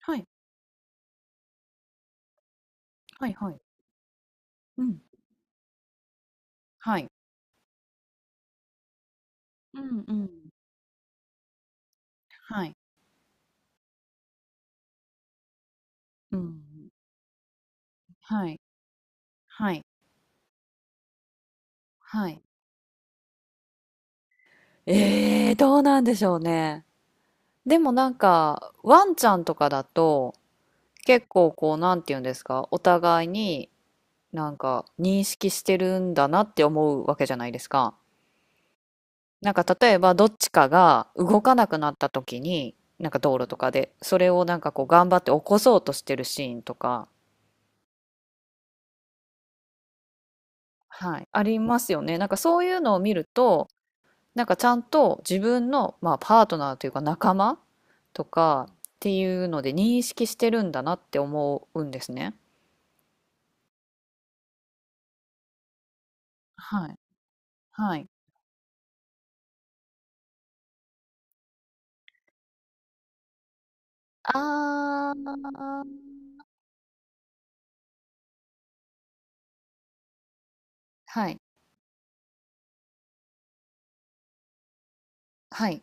はい。はいはい。うん。はい。うんうん。はい。うん。はい。はい。はい。どうなんでしょうね。でもなんか、ワンちゃんとかだと、結構こう、なんていうんですか、お互いになんか認識してるんだなって思うわけじゃないですか。なんか例えば、どっちかが動かなくなった時に、なんか道路とかで、それをなんかこう、頑張って起こそうとしてるシーンとか、はい、ありますよね。なんかそういうのを見ると、なんかちゃんと自分の、まあ、パートナーというか仲間とかっていうので認識してるんだなって思うんですね。はい。はい。あー、はい。はい。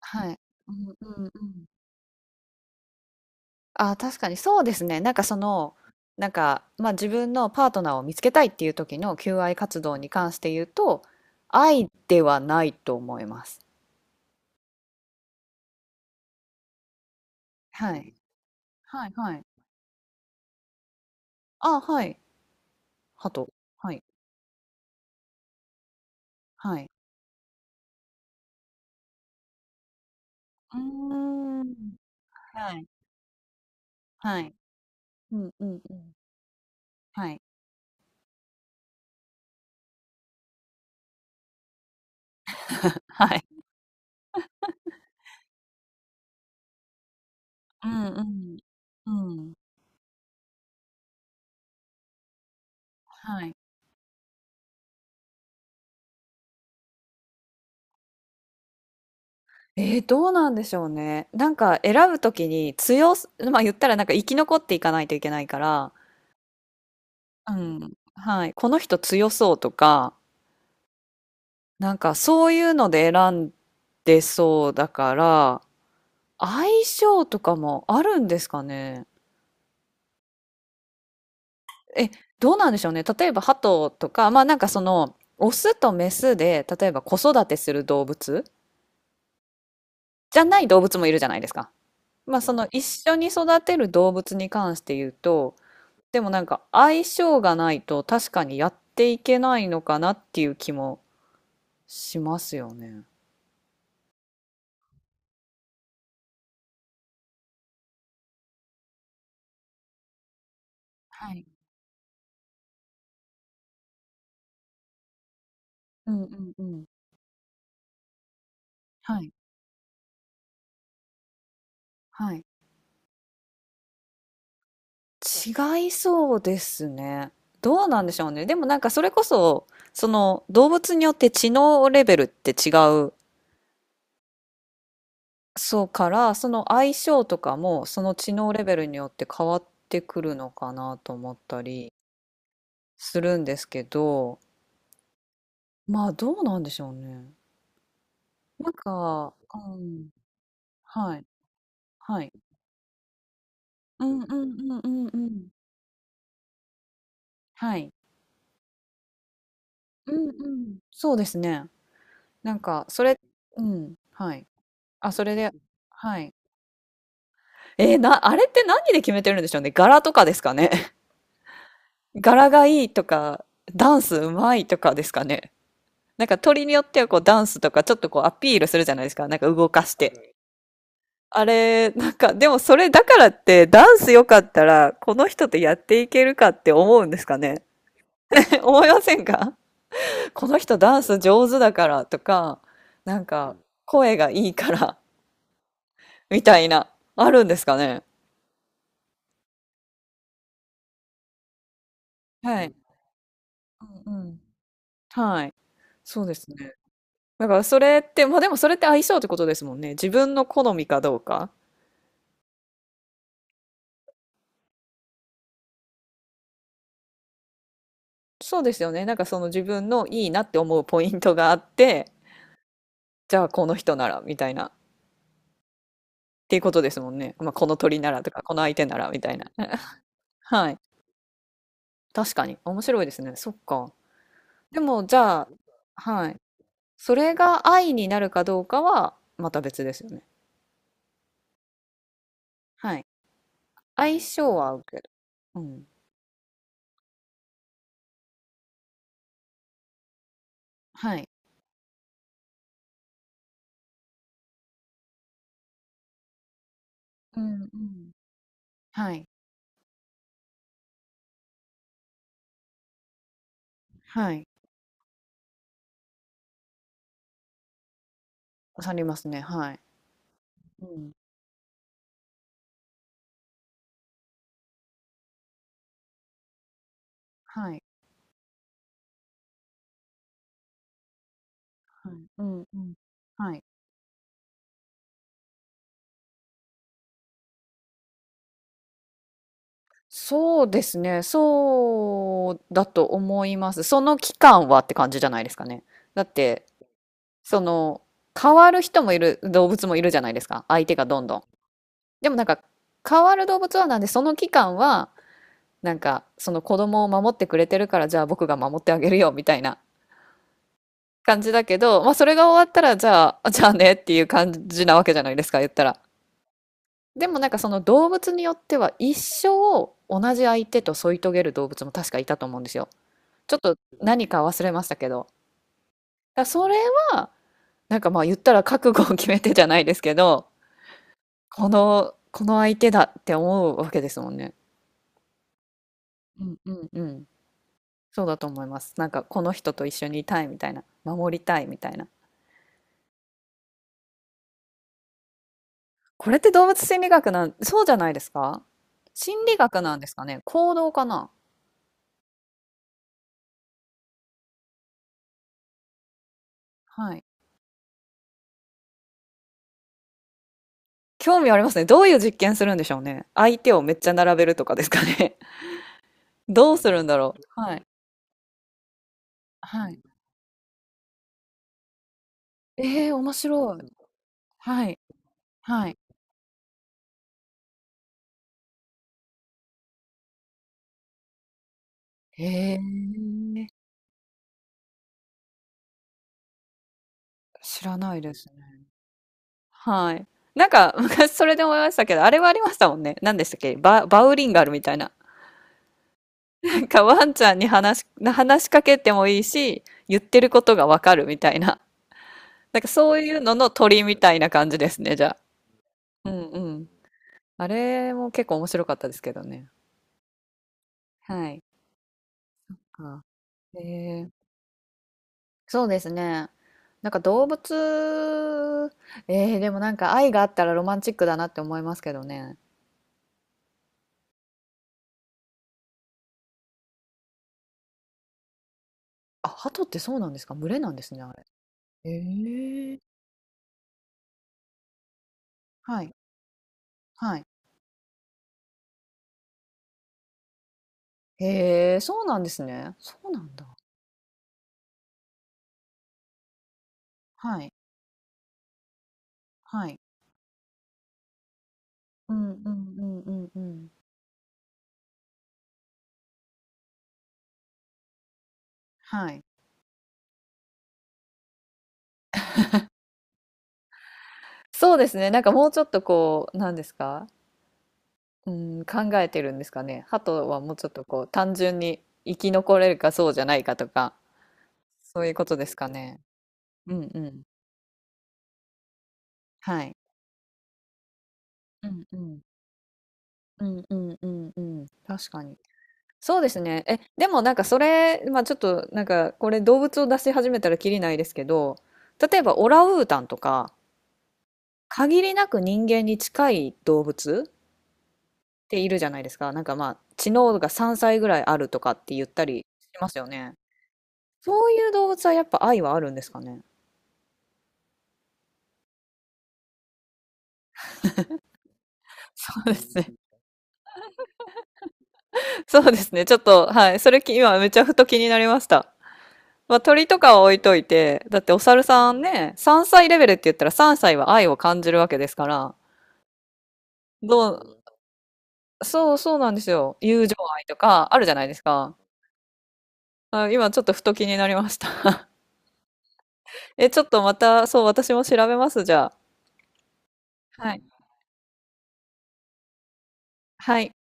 はい。うんうんうん。あー、確かにそうですね。なんかその、なんか、まあ、自分のパートナーを見つけたいっていう時の求愛活動に関して言うと、愛ではないと思います。はい。はいはい。あー、はい。ハト。はい。はい。うーん。はい。はい。うんうんうん。はい。はい。うんうん。うん。はい。どうなんでしょうね。なんか選ぶときに強すま、言ったらなんか生き残っていかないといけないから、うん。はい、この人強そうとか、なんかそういうので選んでそうだから、相性とかもあるんですかね？え、どうなんでしょうね。例えば、ハトとか、まあなんかその、オスとメスで、例えば子育てする動物じゃない動物もいるじゃないですか。まあその一緒に育てる動物に関して言うと、でもなんか相性がないと確かにやっていけないのかなっていう気もしますよね。はい。うんうんうん。はい。はい。違いそうですね。どうなんでしょうね。でもなんかそれこそ、その動物によって知能レベルって違うそうから、その相性とかもその知能レベルによって変わってくるのかなと思ったりするんですけど、まあどうなんでしょうね。なんか、うん、はい、はい。うんうんうんうんうん。はい。うんうん。そうですね。なんか、それ、うん、はい。あ、それで、はい。えーな、あれって何で決めてるんでしょうね。柄とかですかね。柄がいいとか、ダンスうまいとかですかね。なんか鳥によってはこうダンスとかちょっとこうアピールするじゃないですか。なんか動かして。あれ、なんか、でもそれだからってダンス良かったらこの人とやっていけるかって思うんですかね。 思いませんか、この人ダンス上手だからとか、なんか声がいいからみたいな、あるんですかね。はい。うんうん。はい。そうですね。だからそれって、まあでもそれって相性ってことですもんね。自分の好みかどうか。そうですよね。なんかその自分のいいなって思うポイントがあって、じゃあこの人ならみたいな、っていうことですもんね。まあ、この鳥ならとか、この相手ならみたいな。はい。確かに。面白いですね。そっか。でも、じゃあ、はい。それが愛になるかどうかは、また別ですよね。はい。相性は合うけど。うん。はい。うんうん。はい。はい。刺さりますね。はい。うん。はい。はい。うんうん。はい。そうですね。そうだと思います。その期間はって感じじゃないですかね。だって、その、変わる人もいる、動物もいるじゃないですか。相手がどんどん。でもなんか、変わる動物はなんで、その期間は、なんか、その子供を守ってくれてるから、じゃあ僕が守ってあげるよ、みたいな感じだけど、まあそれが終わったら、じゃあ、あじゃあねっていう感じなわけじゃないですか、言ったら。でもなんかその動物によっては、一生同じ相手と添い遂げる動物も確かいたと思うんですよ。ちょっと何か忘れましたけど。だからそれは、なんかまあ言ったら覚悟を決めてじゃないですけど、この相手だって思うわけですもんね。うんうんうん。そうだと思います。なんかこの人と一緒にいたいみたいな、守りたいみたいな。これって動物心理学そうじゃないですか。心理学なんですかね、行動かな。はい。興味ありますね。どういう実験するんでしょうね。相手をめっちゃ並べるとかですかね。どうするんだろう。はい。はい。ええー、面白い。はい。はい。へえ、知らないですね。はい。なんか 昔それで思いましたけど、あれはありましたもんね。何でしたっけバウリンガルみたいな。なんかワンちゃんに話しかけてもいいし、言ってることがわかるみたいな。なんかそういうのの鳥みたいな感じですね、じゃあ。うんうん。あれも結構面白かったですけどね。はい。あ、えー、そうですね。なんか動物、でもなんか愛があったらロマンチックだなって思いますけどね。あ、鳩ってそうなんですか？群れなんですね、あれ。ええ。はい、はい。へえ、そうなんですね。そうなんだ。はい、はい。うんうんうんうんうん。はい。そうですね、なんかもうちょっとこう、なんですか、うーん、考えてるんですかね。鳩はもうちょっとこう、単純に生き残れるかそうじゃないかとか、そういうことですかね。うんうん。はい。うんうん。うんうんうんうん。確かに。そうですね。え、でもなんかそれ、まあちょっとなんかこれ動物を出し始めたらきりないですけど、例えばオランウータンとか、限りなく人間に近い動物っているじゃないですか。なんかまあ知能が3歳ぐらいあるとかって言ったりしますよね。そういう動物はやっぱ愛はあるんですかね。そうですね。そうですね。ちょっと、はい。それき今めちゃふと気になりました。まあ鳥とかは置いといて、だってお猿さんね、3歳レベルって言ったら3歳は愛を感じるわけですから、どうそう、そうなんですよ。友情愛とかあるじゃないですか。あ、今ちょっとふと気になりました。え、ちょっとまた、そう、私も調べます、じゃあ。はい。はい。